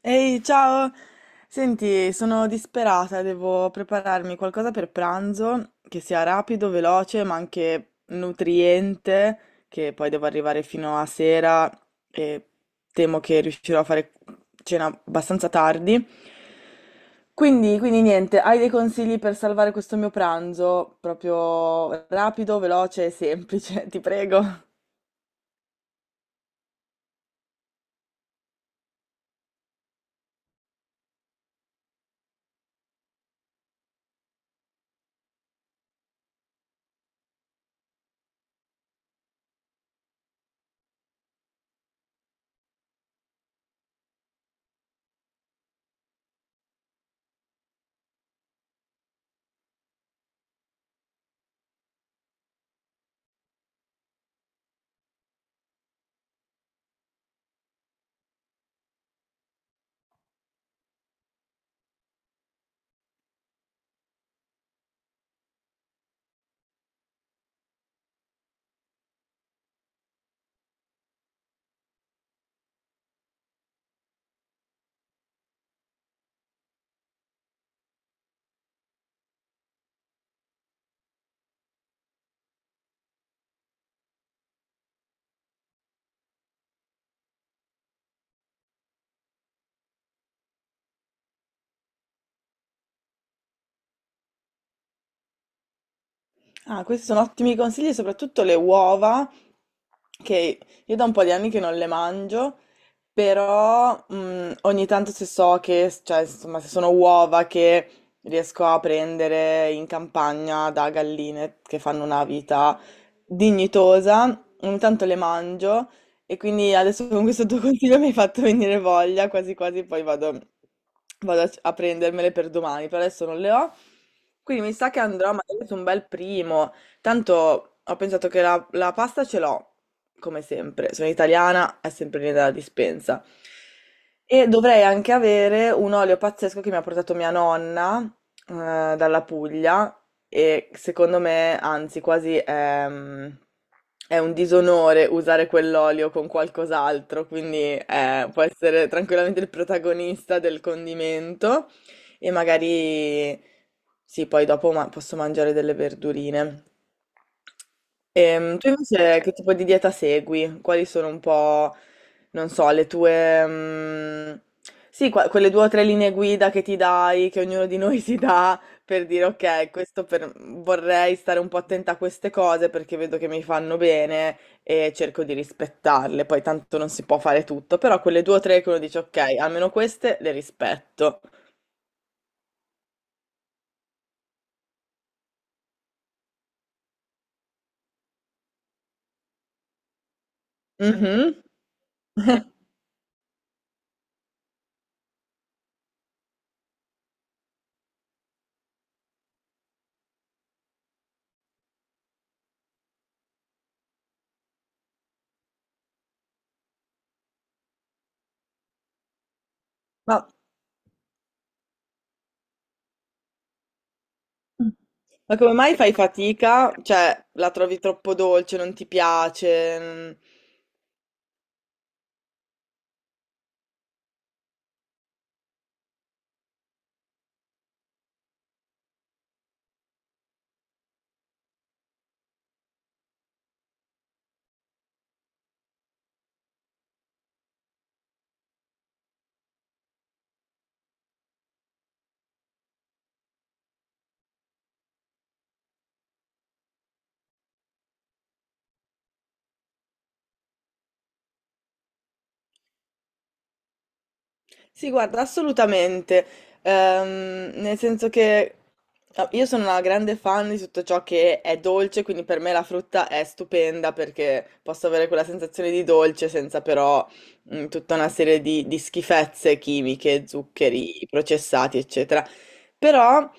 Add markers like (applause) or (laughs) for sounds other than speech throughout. Ehi, ciao! Senti, sono disperata, devo prepararmi qualcosa per pranzo che sia rapido, veloce, ma anche nutriente, che poi devo arrivare fino a sera e temo che riuscirò a fare cena abbastanza tardi. Quindi niente, hai dei consigli per salvare questo mio pranzo? Proprio rapido, veloce e semplice, (laughs) ti prego. Ah, questi sono ottimi consigli, soprattutto le uova, che io da un po' di anni che non le mangio, però ogni tanto se so che, cioè, insomma, se sono uova che riesco a prendere in campagna da galline che fanno una vita dignitosa, ogni tanto le mangio e quindi adesso con questo tuo consiglio mi hai fatto venire voglia, quasi quasi poi vado, vado a prendermele per domani, per adesso non le ho. Quindi mi sa che andrò magari su un bel primo. Tanto ho pensato che la pasta ce l'ho, come sempre. Sono italiana, è sempre lì dalla dispensa. E dovrei anche avere un olio pazzesco che mi ha portato mia nonna, eh, dalla Puglia, e secondo me, anzi, quasi è un disonore usare quell'olio con qualcos'altro, quindi può essere tranquillamente il protagonista del condimento, e magari sì, poi dopo posso mangiare delle verdurine. Tu invece che tipo di dieta segui? Quali sono un po', non so, le tue mm, sì, quelle due o tre linee guida che ti dai, che ognuno di noi (laughs) si dà, per dire, ok, questo vorrei stare un po' attenta a queste cose perché vedo che mi fanno bene e cerco di rispettarle. Poi tanto non si può fare tutto, però quelle due o tre che uno dice ok, almeno queste le rispetto. Mhm. (laughs) Ma Ma come mai fai fatica? Cioè, la trovi troppo dolce, non ti piace? Mm. Sì, guarda, assolutamente. Nel senso che ah, io sono una grande fan di tutto ciò che è dolce, quindi per me la frutta è stupenda perché posso avere quella sensazione di dolce senza però mm, tutta una serie di schifezze chimiche, zuccheri processati, eccetera. Però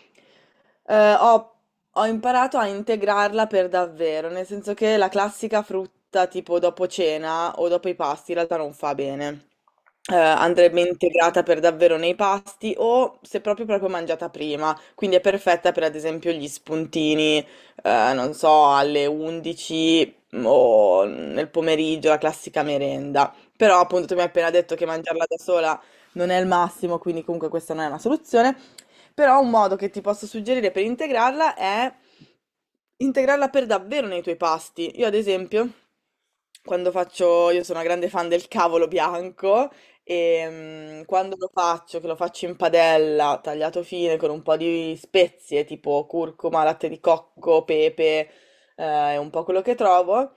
eh, ho, ho imparato a integrarla per davvero, nel senso che la classica frutta tipo dopo cena o dopo i pasti in realtà non fa bene. Andrebbe integrata per davvero nei pasti o se proprio proprio mangiata prima, quindi è perfetta per, ad esempio, gli spuntini, non so, alle 11 o nel pomeriggio, la classica merenda. Però appunto tu mi hai appena detto che mangiarla da sola non è il massimo, quindi comunque questa non è una soluzione. Però un modo che ti posso suggerire per integrarla è integrarla per davvero nei tuoi pasti. Io ad esempio, quando faccio, io sono una grande fan del cavolo bianco e mm, quando lo faccio, che lo faccio in padella, tagliato fine con un po' di spezie tipo curcuma, latte di cocco, pepe, e un po' quello che trovo.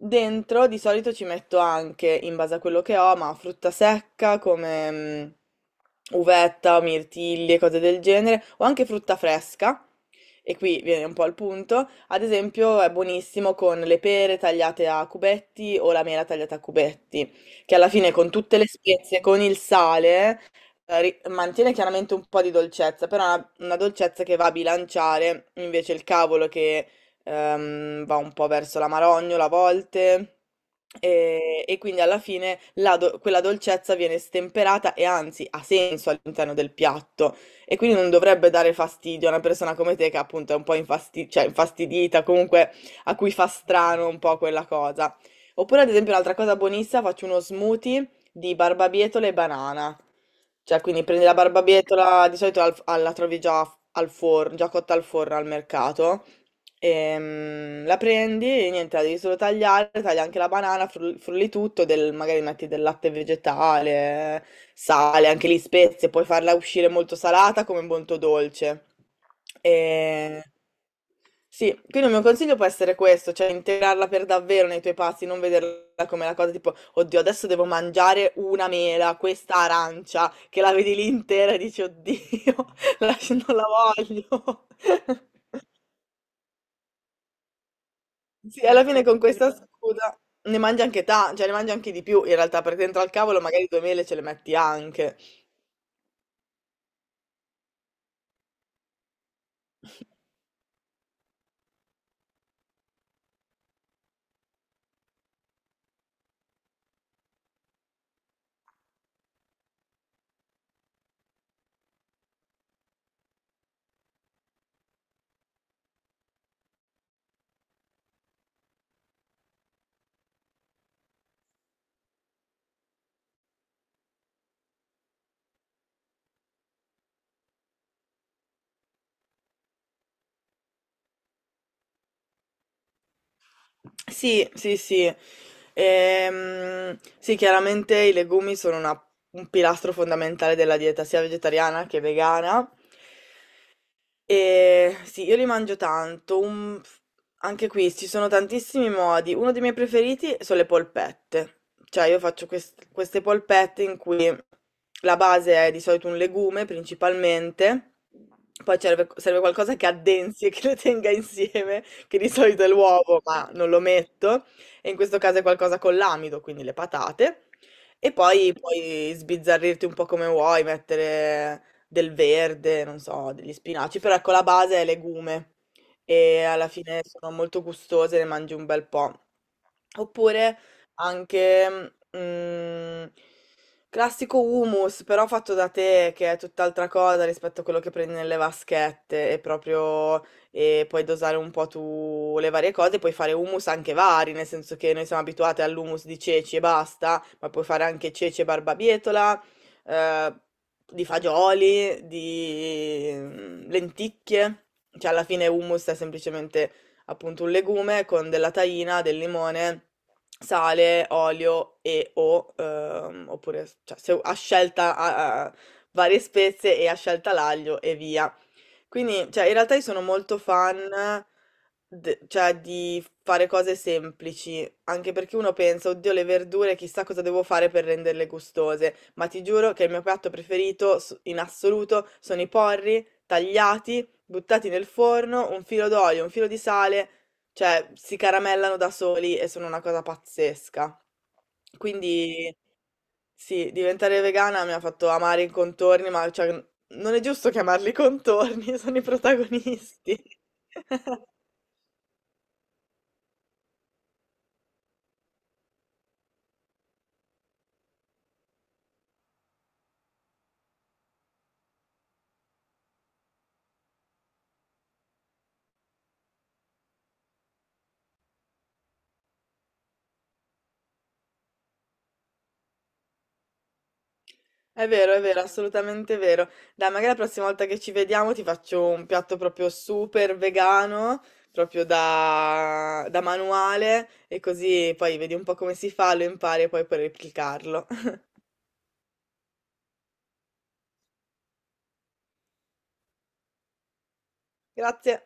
Dentro di solito ci metto anche, in base a quello che ho, ma frutta secca come mm, uvetta, mirtilli e cose del genere, o anche frutta fresca, e qui viene un po' al punto, ad esempio è buonissimo con le pere tagliate a cubetti o la mela tagliata a cubetti, che alla fine con tutte le spezie, con il sale, mantiene chiaramente un po' di dolcezza, però è una dolcezza che va a bilanciare invece il cavolo che va un po' verso la marognola a volte. E quindi alla fine la quella dolcezza viene stemperata e anzi ha senso all'interno del piatto, e quindi non dovrebbe dare fastidio a una persona come te che appunto è un po' cioè, infastidita, comunque a cui fa strano un po' quella cosa. Oppure ad esempio un'altra cosa buonissima, faccio uno smoothie di barbabietola e banana. Cioè, quindi prendi la barbabietola, di solito la trovi già al forno, già cotta al forno al mercato. La prendi e niente, la devi solo tagliare, tagli anche la banana, frulli tutto, magari metti del latte vegetale, sale, anche lì spezie, puoi farla uscire molto salata come molto dolce. E sì, quindi il mio consiglio può essere questo, cioè integrarla per davvero nei tuoi pasti, non vederla come la cosa tipo, oddio, adesso devo mangiare una mela, questa arancia, che la vedi lì intera e dici, oddio, (laughs) non la voglio. (laughs) Sì, alla fine con questa. Scusa, ne mangi anche cioè ne mangi anche di più in realtà, perché dentro al cavolo magari due mele ce le metti anche. Sì, sì, sì. Sì, chiaramente i legumi sono un pilastro fondamentale della dieta sia vegetariana che vegana. E sì, io li mangio tanto. Anche qui ci sono tantissimi modi. Uno dei miei preferiti sono le polpette. Cioè, io faccio queste polpette in cui la base è di solito un legume principalmente. Poi serve qualcosa che addensi e che le tenga insieme, che di solito è l'uovo, ma non lo metto. E in questo caso è qualcosa con l'amido, quindi le patate. E poi puoi sbizzarrirti un po' come vuoi, mettere del verde, non so, degli spinaci, però ecco la base è legume e alla fine sono molto gustose, ne mangi un bel po'. Oppure anche mm, classico hummus, però fatto da te, che è tutt'altra cosa rispetto a quello che prendi nelle vaschette, e proprio e puoi dosare un po' tu le varie cose, puoi fare hummus anche vari, nel senso che noi siamo abituati all'hummus di ceci e basta, ma puoi fare anche ceci e barbabietola, eh, di fagioli, di mm, lenticchie, cioè alla fine hummus è semplicemente appunto un legume con della tahina, del limone, sale, olio e o, oppure cioè, a scelta varie spezie e a scelta l'aglio e via. Quindi, cioè, in realtà io sono molto fan, cioè, di fare cose semplici, anche perché uno pensa, oddio, le verdure, chissà cosa devo fare per renderle gustose, ma ti giuro che il mio piatto preferito in assoluto sono i porri tagliati, buttati nel forno, un filo d'olio, un filo di sale, cioè, si caramellano da soli e sono una cosa pazzesca. Quindi sì, diventare vegana mi ha fatto amare i contorni, ma cioè, non è giusto chiamarli contorni, (laughs) sono i protagonisti. (laughs) È vero, assolutamente vero. Dai, magari la prossima volta che ci vediamo ti faccio un piatto proprio super vegano, proprio da manuale, e così poi vedi un po' come si fa, lo impari e poi puoi replicarlo. (laughs) Grazie.